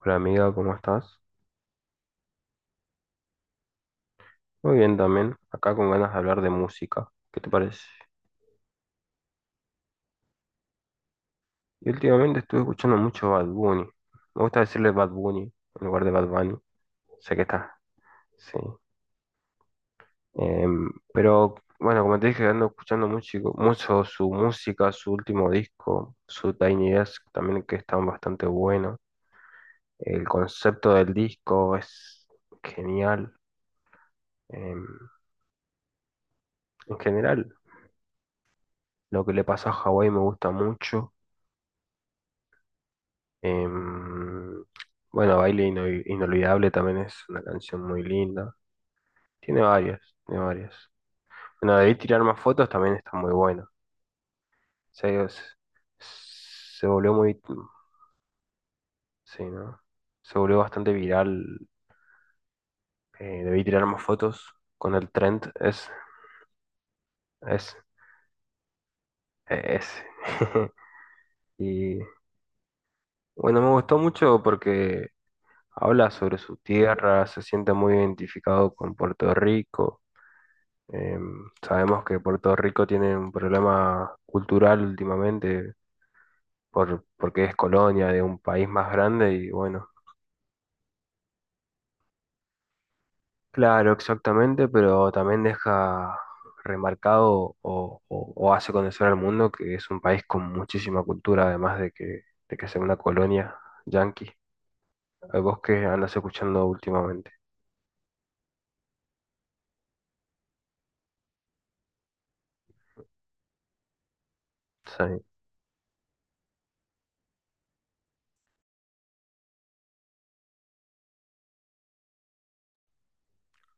Hola amiga, ¿cómo estás? Muy bien también, acá con ganas de hablar de música. ¿Qué te parece? Y últimamente estuve escuchando mucho Bad Bunny. Me gusta decirle Bad Bunny en lugar de Bad Bunny. Sé que está, sí. Pero bueno, como te dije, ando escuchando mucho su música, su último disco, su Tiny Desk también, que está bastante bueno. El concepto del disco es genial. Em, en general, lo que le pasó a Hawái me gusta mucho. Em, bueno, Inolvidable también es una canción muy linda. Tiene varias, tiene varias. Bueno, debí tirar más fotos, también está muy buena. Se, se, se volvió muy, sí, ¿no? Se volvió bastante viral. Debí tirar más fotos con el trend. Es, es. Y bueno, me gustó mucho porque habla sobre su tierra, se siente muy identificado con Puerto Rico. Sabemos que Puerto Rico tiene un problema cultural últimamente porque es colonia de un país más grande y bueno, claro, exactamente, pero también deja remarcado o hace conocer al mundo que es un país con muchísima cultura, de que sea una colonia yanqui. ¿Vos que andas escuchando últimamente? Sí.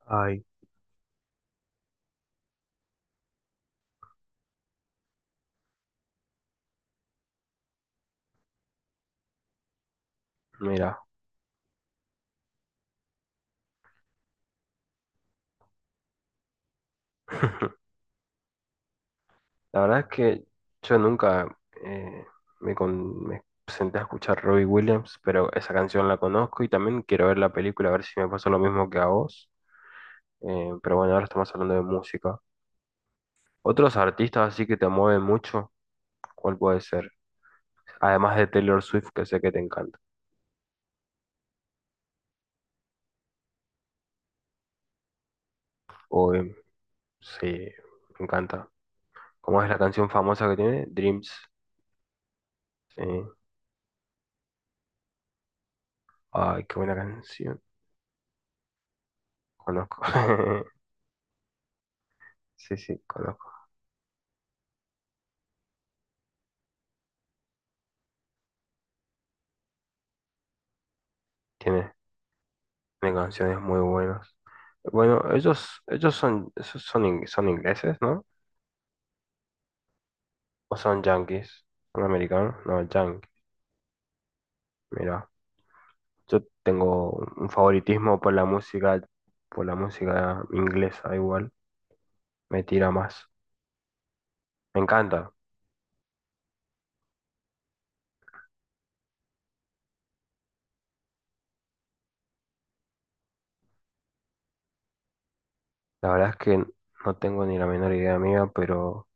Ay, mira. La verdad es que yo nunca eh, me senté a escuchar Robbie Williams, pero esa canción la conozco y también quiero ver la película a ver si me pasa lo mismo que a vos. Pero bueno, ahora estamos hablando de música. Otros artistas así que te mueven mucho, ¿cuál puede ser? Además de Taylor Swift, que sé que te encanta. O sí, me encanta. ¿Cómo es la canción famosa que tiene? Dreams. Sí. Ay, qué buena canción. Conozco. Sí, sí, conozco. Tiene, tiene canciones muy buenas. Bueno, ellos son, esos son, ing- son ingleses, ¿no? ¿O son yankees? ¿Son americanos? No, yankees. Mira, yo tengo un favoritismo por por la música inglesa igual. Me tira más. Me encanta. La verdad es que no tengo ni la menor idea mía, pero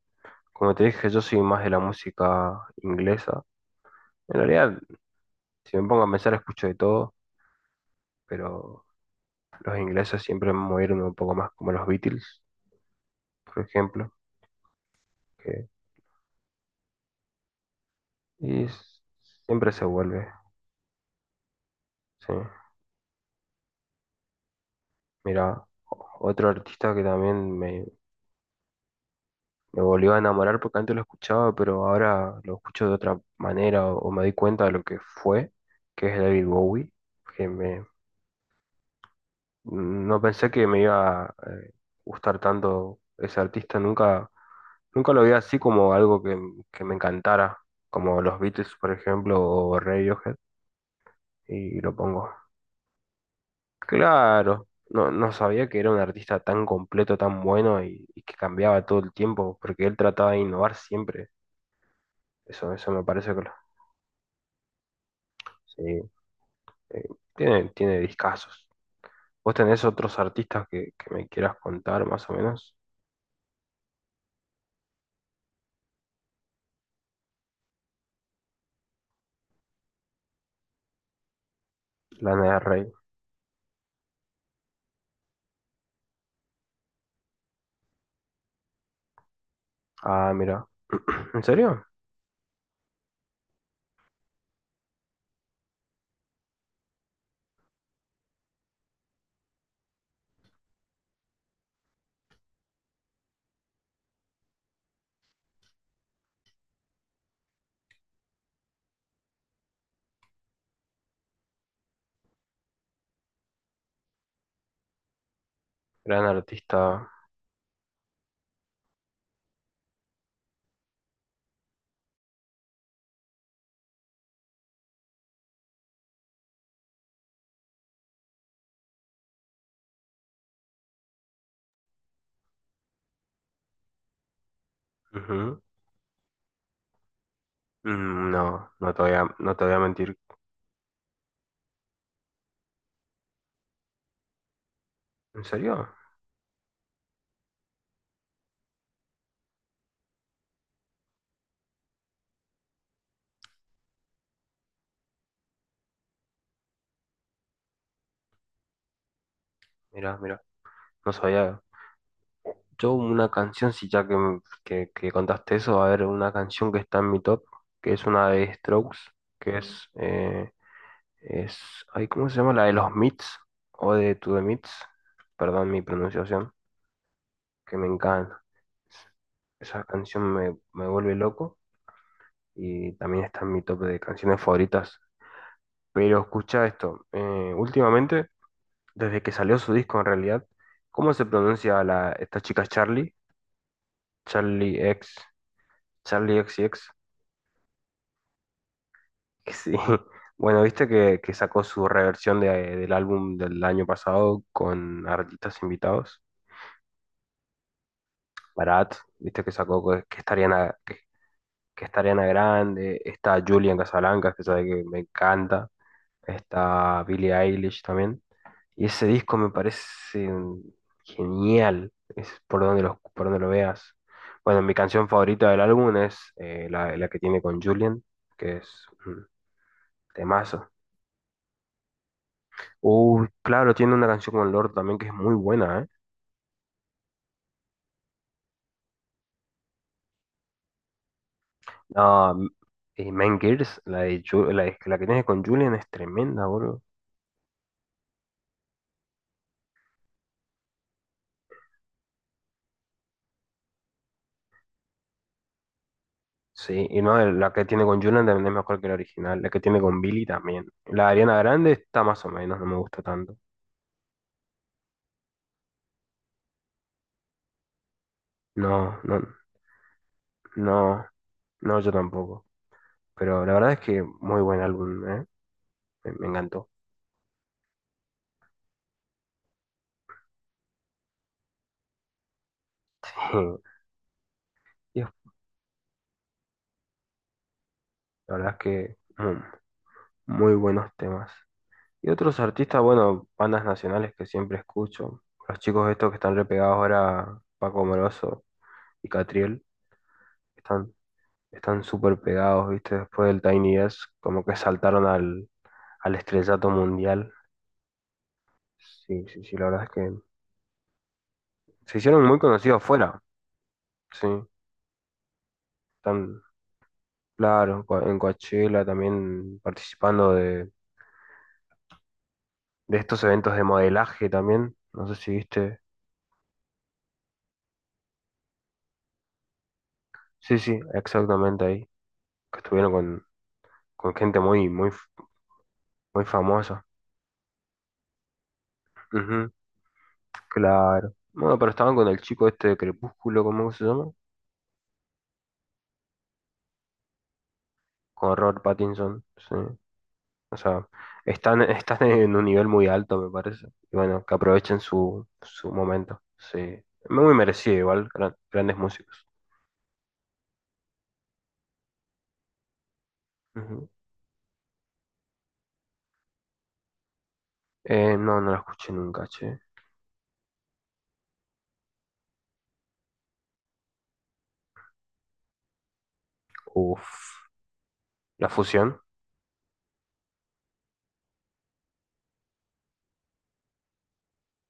como te dije, yo soy más de la música inglesa. En realidad, si me pongo a pensar, escucho de todo, pero los ingleses siempre me movieron un poco más, como los Beatles, por ejemplo. Que Y siempre se vuelve, sí. Mira, otro artista que también me volvió a enamorar porque antes lo escuchaba, pero ahora lo escucho de otra manera o me di cuenta de lo que fue, que es David Bowie, que me, no pensé que me iba a gustar tanto ese artista, nunca lo vi así como algo que me encantara, como los Beatles, por ejemplo, o Radiohead, y lo pongo. Claro, no, no sabía que era un artista tan completo, tan bueno y que cambiaba todo el tiempo, porque él trataba de innovar siempre. Eso me parece que lo- sí, eh, tiene discazos. ¿Vos tenés otros artistas que me quieras contar más o menos? Lana del Rey. Ah, mira. ¿En serio? Gran artista. Ujú. No, no te voy a mentir. ¿En serio? Mira, mira. No sabía. Yo una canción, si ya que, m- que contaste eso, va a haber una canción que está en mi top, que es una de Strokes, que es, eh, es, ay, ¿cómo se llama? La de los Mits, o de To The Mits, perdón mi pronunciación, que me encanta. Es- Esa canción me vuelve loco y también está en mi top de canciones favoritas. Pero escucha esto, últimamente, desde que salió su disco en realidad, ¿cómo se pronuncia esta chica Charlie? Charlie X, Charlie X. Sí. Bueno, viste que sacó su reversión del álbum del año pasado con artistas invitados. Barat, viste que sacó que estarían a grande. Está Julian Casablancas, que sabe que me encanta. Está Billie Eilish también. Y ese disco me parece genial. Es por por donde lo veas. Bueno, mi canción favorita del álbum es la que tiene con Julian, que es un temazo. Claro, tiene una canción con Lorde también que es muy buena, ¿eh? Ah, m- Mean Girls, la, de Ju- la, de- la que tiene con Julian es tremenda, bro. Sí, y no, la que tiene con Julian también es mejor que la original. La que tiene con Billy también. La de Ariana Grande está más o menos, no me gusta tanto. No, no, no, no, yo tampoco. Pero la verdad es que muy buen álbum, ¿eh? Me encantó. Dios, la verdad es que mm, muy buenos temas. Y otros artistas, bueno, bandas nacionales que siempre escucho. Los chicos estos que están repegados ahora, Paco Moroso y Catriel, están están súper pegados, ¿viste? Después del Tiny Desk, como que saltaron al estrellato mundial. Sí, sí, sí, la verdad es que se hicieron muy conocidos fuera, sí. Están, claro, en en Coachella también participando de estos eventos de modelaje también. No sé si viste. Sí, sí, exactamente ahí. Que estuvieron con gente muy muy famoso. Ujú, claro. Bueno, pero estaban con el chico este de Crepúsculo, ¿cómo se llama? Con Robert Pattinson, sí. O sea, están, están en un nivel muy alto, me parece. Y bueno, que aprovechen su momento, sí. Muy merecido igual, grandes músicos. Ujú. No, no la escuché nunca, che. Uf. La fusión.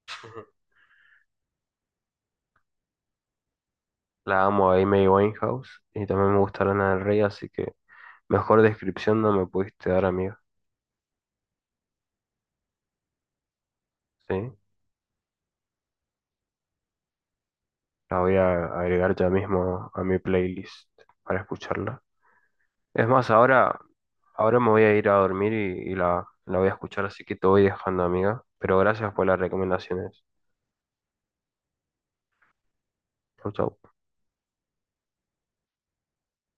Ujú. La amo a Amy Winehouse. Y también me gusta Lana del Rey, así que mejor descripción no me pudiste dar, amigo. Sí. La voy a agregar ya mismo a mi playlist para escucharla. Es más, ahora, ahora me voy a ir a dormir y la voy a escuchar, así que te voy dejando, amiga. Pero gracias por las recomendaciones. Chau, chau.